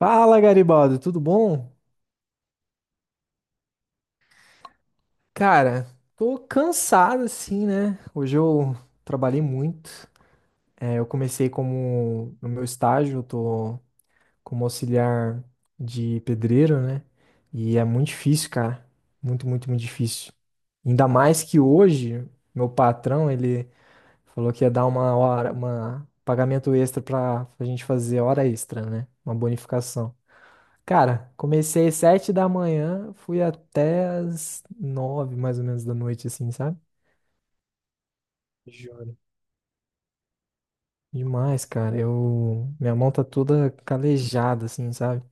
Fala, Garibaldo, tudo bom? Cara, tô cansado assim, né? Hoje eu trabalhei muito. É, eu comecei como no meu estágio, eu tô como auxiliar de pedreiro, né? E é muito difícil, cara. Muito, muito, muito difícil. Ainda mais que hoje, meu patrão, ele falou que ia dar uma hora, uma pagamento extra pra gente fazer hora extra, né? Uma bonificação. Cara, comecei às 7 da manhã, fui até às 9, mais ou menos, da noite, assim, sabe? Juro. Demais, cara. Eu... Minha mão tá toda calejada, assim, sabe?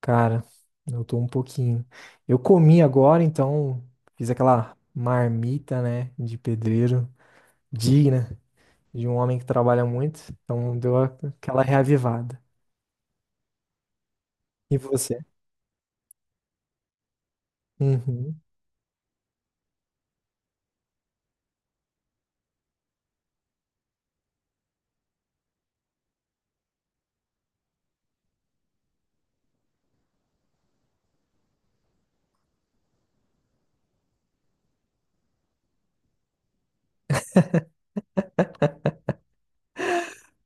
Cara, eu tô um pouquinho. Eu comi agora, então fiz aquela marmita, né, de pedreiro, digna de um homem que trabalha muito. Então deu aquela reavivada. E você? Uhum.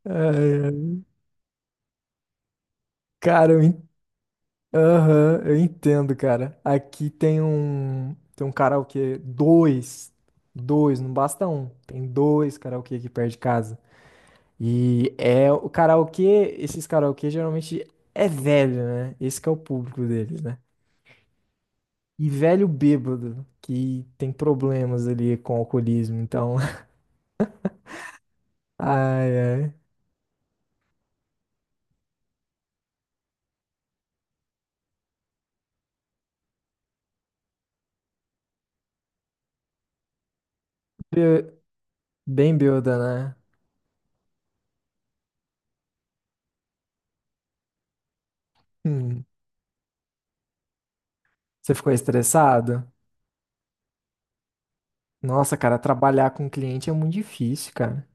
Ai, ai. Cara, eu aham, eu entendo, cara. Aqui tem um karaokê, dois, dois, não basta um. Tem dois karaokê aqui perto de casa. E é o karaokê, esses karaokê geralmente é velho, né? Esse que é o público deles, né? E velho bêbado, que tem problemas ali com alcoolismo, então. Ai, ai. Bê- Bem bêbada, né? Hum. Você ficou estressado? Nossa, cara, trabalhar com cliente é muito difícil, cara.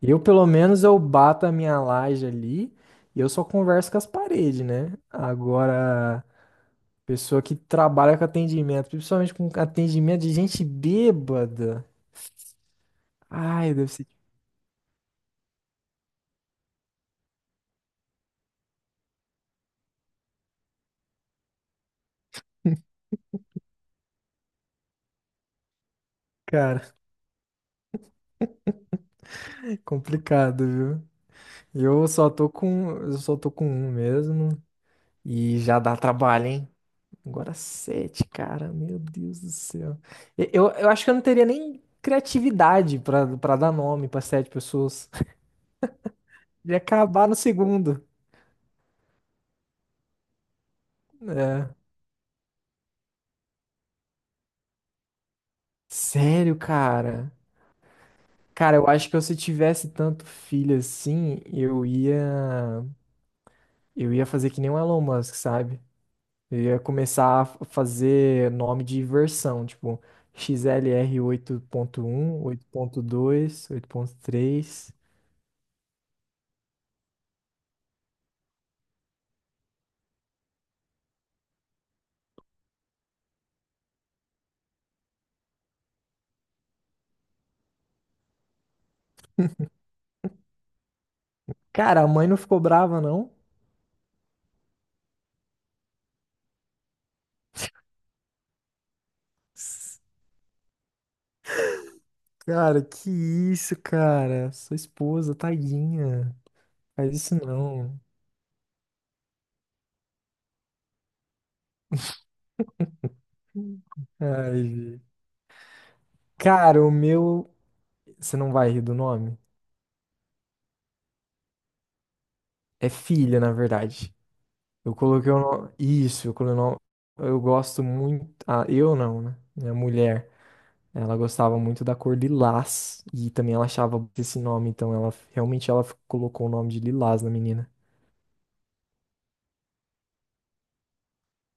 Eu, pelo menos, eu bato a minha laje ali e eu só converso com as paredes, né? Agora, pessoa que trabalha com atendimento, principalmente com atendimento de gente bêbada. Ai, deve ser, cara, complicado, viu? Eu só tô com um mesmo e já dá trabalho, hein? Agora sete, cara, meu Deus do céu. Eu acho que eu não teria nem criatividade pra para dar nome pra sete pessoas. Ia acabar no segundo. É. Sério, cara? Cara, eu acho que se eu tivesse tanto filho assim, eu ia fazer que nem o Elon Musk, sabe? Eu ia começar a fazer nome de versão, tipo XLR 8.1, 8.2, 8.3. Cara, a mãe não ficou brava, não? S- Cara, que isso, cara? Sua esposa, tadinha. Faz isso não. Ai, gente. Cara, o meu. Você não vai rir do nome? É filha, na verdade. Eu coloquei o nome. Isso, eu coloquei o nome. Eu gosto muito. Ah, eu não, né? Minha mulher. Ela gostava muito da cor lilás. E também ela achava esse nome. Então ela realmente ela colocou o nome de lilás na menina.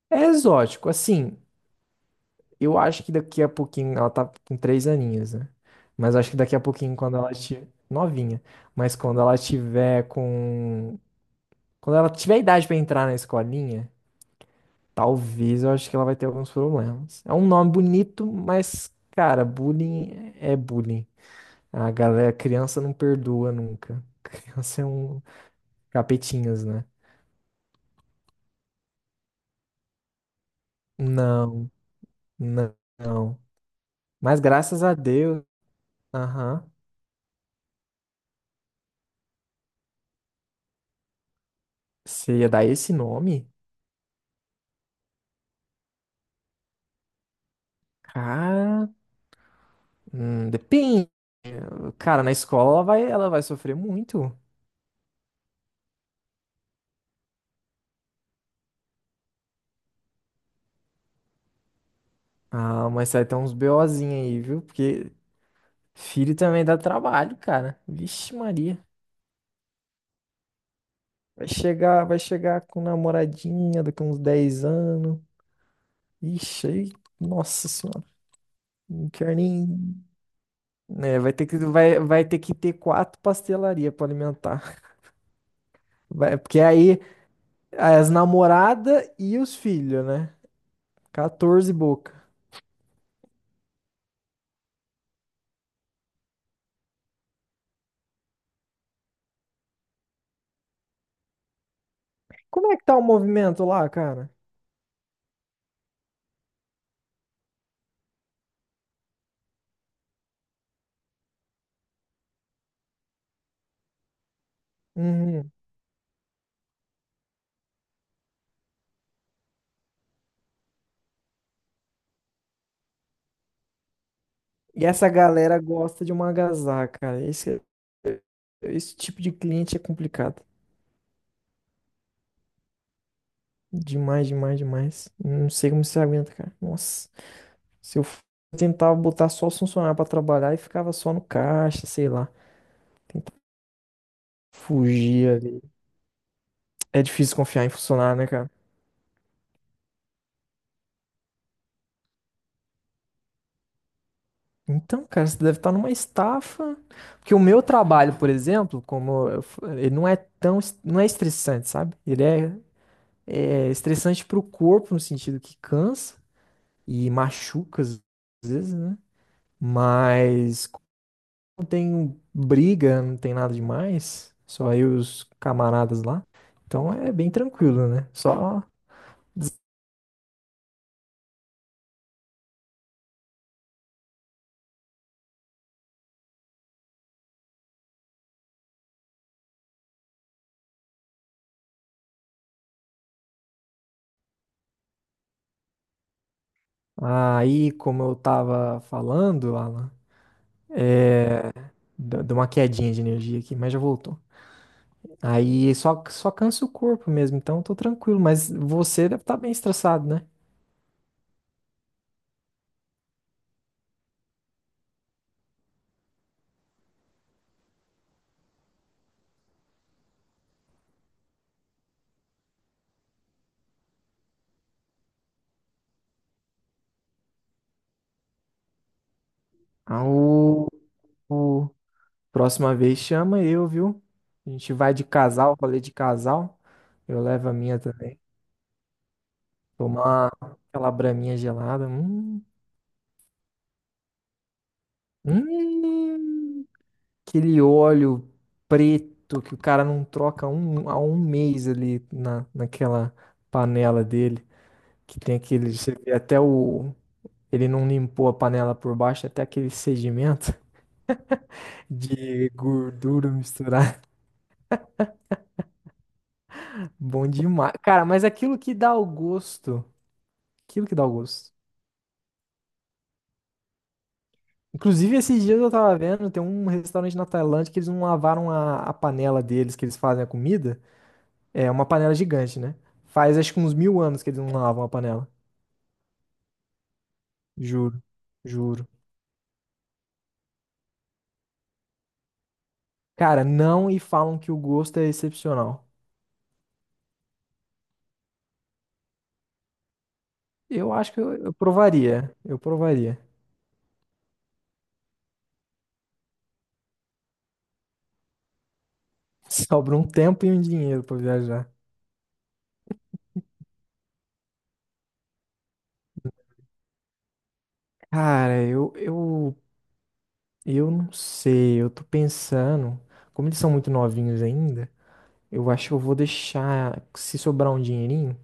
É exótico, assim. Eu acho que daqui a pouquinho. Ela tá com 3 aninhos, né? Mas acho que daqui a pouquinho, quando ela estiver. Novinha. Mas quando ela tiver com. Quando ela tiver idade pra entrar na escolinha. Talvez eu acho que ela vai ter alguns problemas. É um nome bonito, mas, cara, bullying é bullying. A galera, criança não perdoa nunca. Criança é um capetinhas, né? Não, não, não. Mas graças a Deus, aham. Você ia dar esse nome? Cara, depende. Cara, na escola ela vai sofrer muito. Ah, mas vai ter uns BOzinhos aí, viu? Porque filho também dá trabalho, cara. Vixe, Maria. Vai chegar com namoradinha daqui a uns 10 anos. Ixi, aí, nossa senhora, não quero nem. Né, vai ter que ter quatro pastelarias pra alimentar. Vai, porque aí as namoradas e os filhos, né? 14 boca. Como é que tá o movimento lá, cara? Uhum. E essa galera gosta de uma agasalho, cara. Esse tipo de cliente é complicado. Demais, demais, demais. Não sei como você aguenta, cara. Nossa. Se eu f- eu tentava botar só os funcionários pra trabalhar e ficava só no caixa, sei lá. Tentava fugir ali. É difícil confiar em funcionário, né, cara? Então, cara, você deve estar numa estafa. Porque o meu trabalho, por exemplo, ele não é tão, não é estressante, sabe? Ele é, é estressante pro corpo, no sentido que cansa e machuca às vezes, né? Mas não tem briga, não tem nada demais. Só eu e os camaradas lá. Então é bem tranquilo, né? Des- Aí, como eu tava falando, Alan, deu uma quedinha de energia aqui, mas já voltou. Aí só cansa o corpo mesmo, então eu tô tranquilo. Mas você deve estar bem estressado, né? Ah, o- o- Próxima vez chama eu, viu? A gente vai de casal, rolê de casal. Eu levo a minha também. Tomar aquela braminha gelada. Hum. Hum, aquele óleo preto que o cara não troca há um mês ali naquela panela dele, que tem aquele, você vê até o, ele não limpou a panela por baixo, até aquele sedimento de gordura misturada. Bom demais. Cara, mas aquilo que dá o gosto, aquilo que dá o gosto. Inclusive, esses dias eu tava vendo, tem um restaurante na Tailândia que eles não lavaram a panela deles, que eles fazem a comida. É uma panela gigante, né? Faz acho que uns 1.000 anos que eles não lavam a panela. Juro, juro. Cara, não e falam que o gosto é excepcional. Eu acho que eu provaria. Eu provaria. Sobra um tempo e um dinheiro pra viajar. Cara, eu não sei. Eu tô pensando. Como eles são muito novinhos ainda, eu acho que eu vou deixar. Se sobrar um dinheirinho,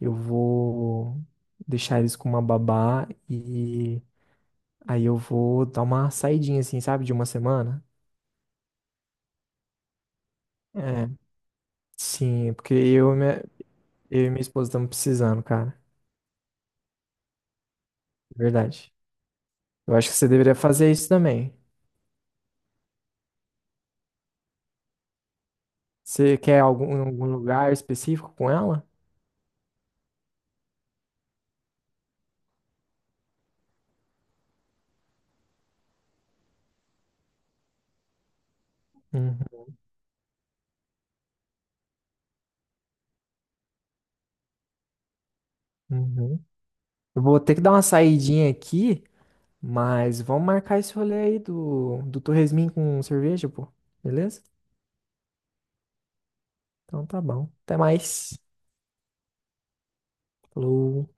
eu vou deixar eles com uma babá e aí eu vou dar uma saidinha, assim, sabe? De uma semana. É, sim, porque eu e minha esposa estamos precisando, cara. De verdade. Eu acho que você deveria fazer isso também. Você quer algum lugar específico com ela? Uhum, uhum. Eu vou ter que dar uma saidinha aqui, mas vamos marcar esse rolê aí do Torresmin com cerveja, pô. Beleza? Então tá bom. Até mais. Falou.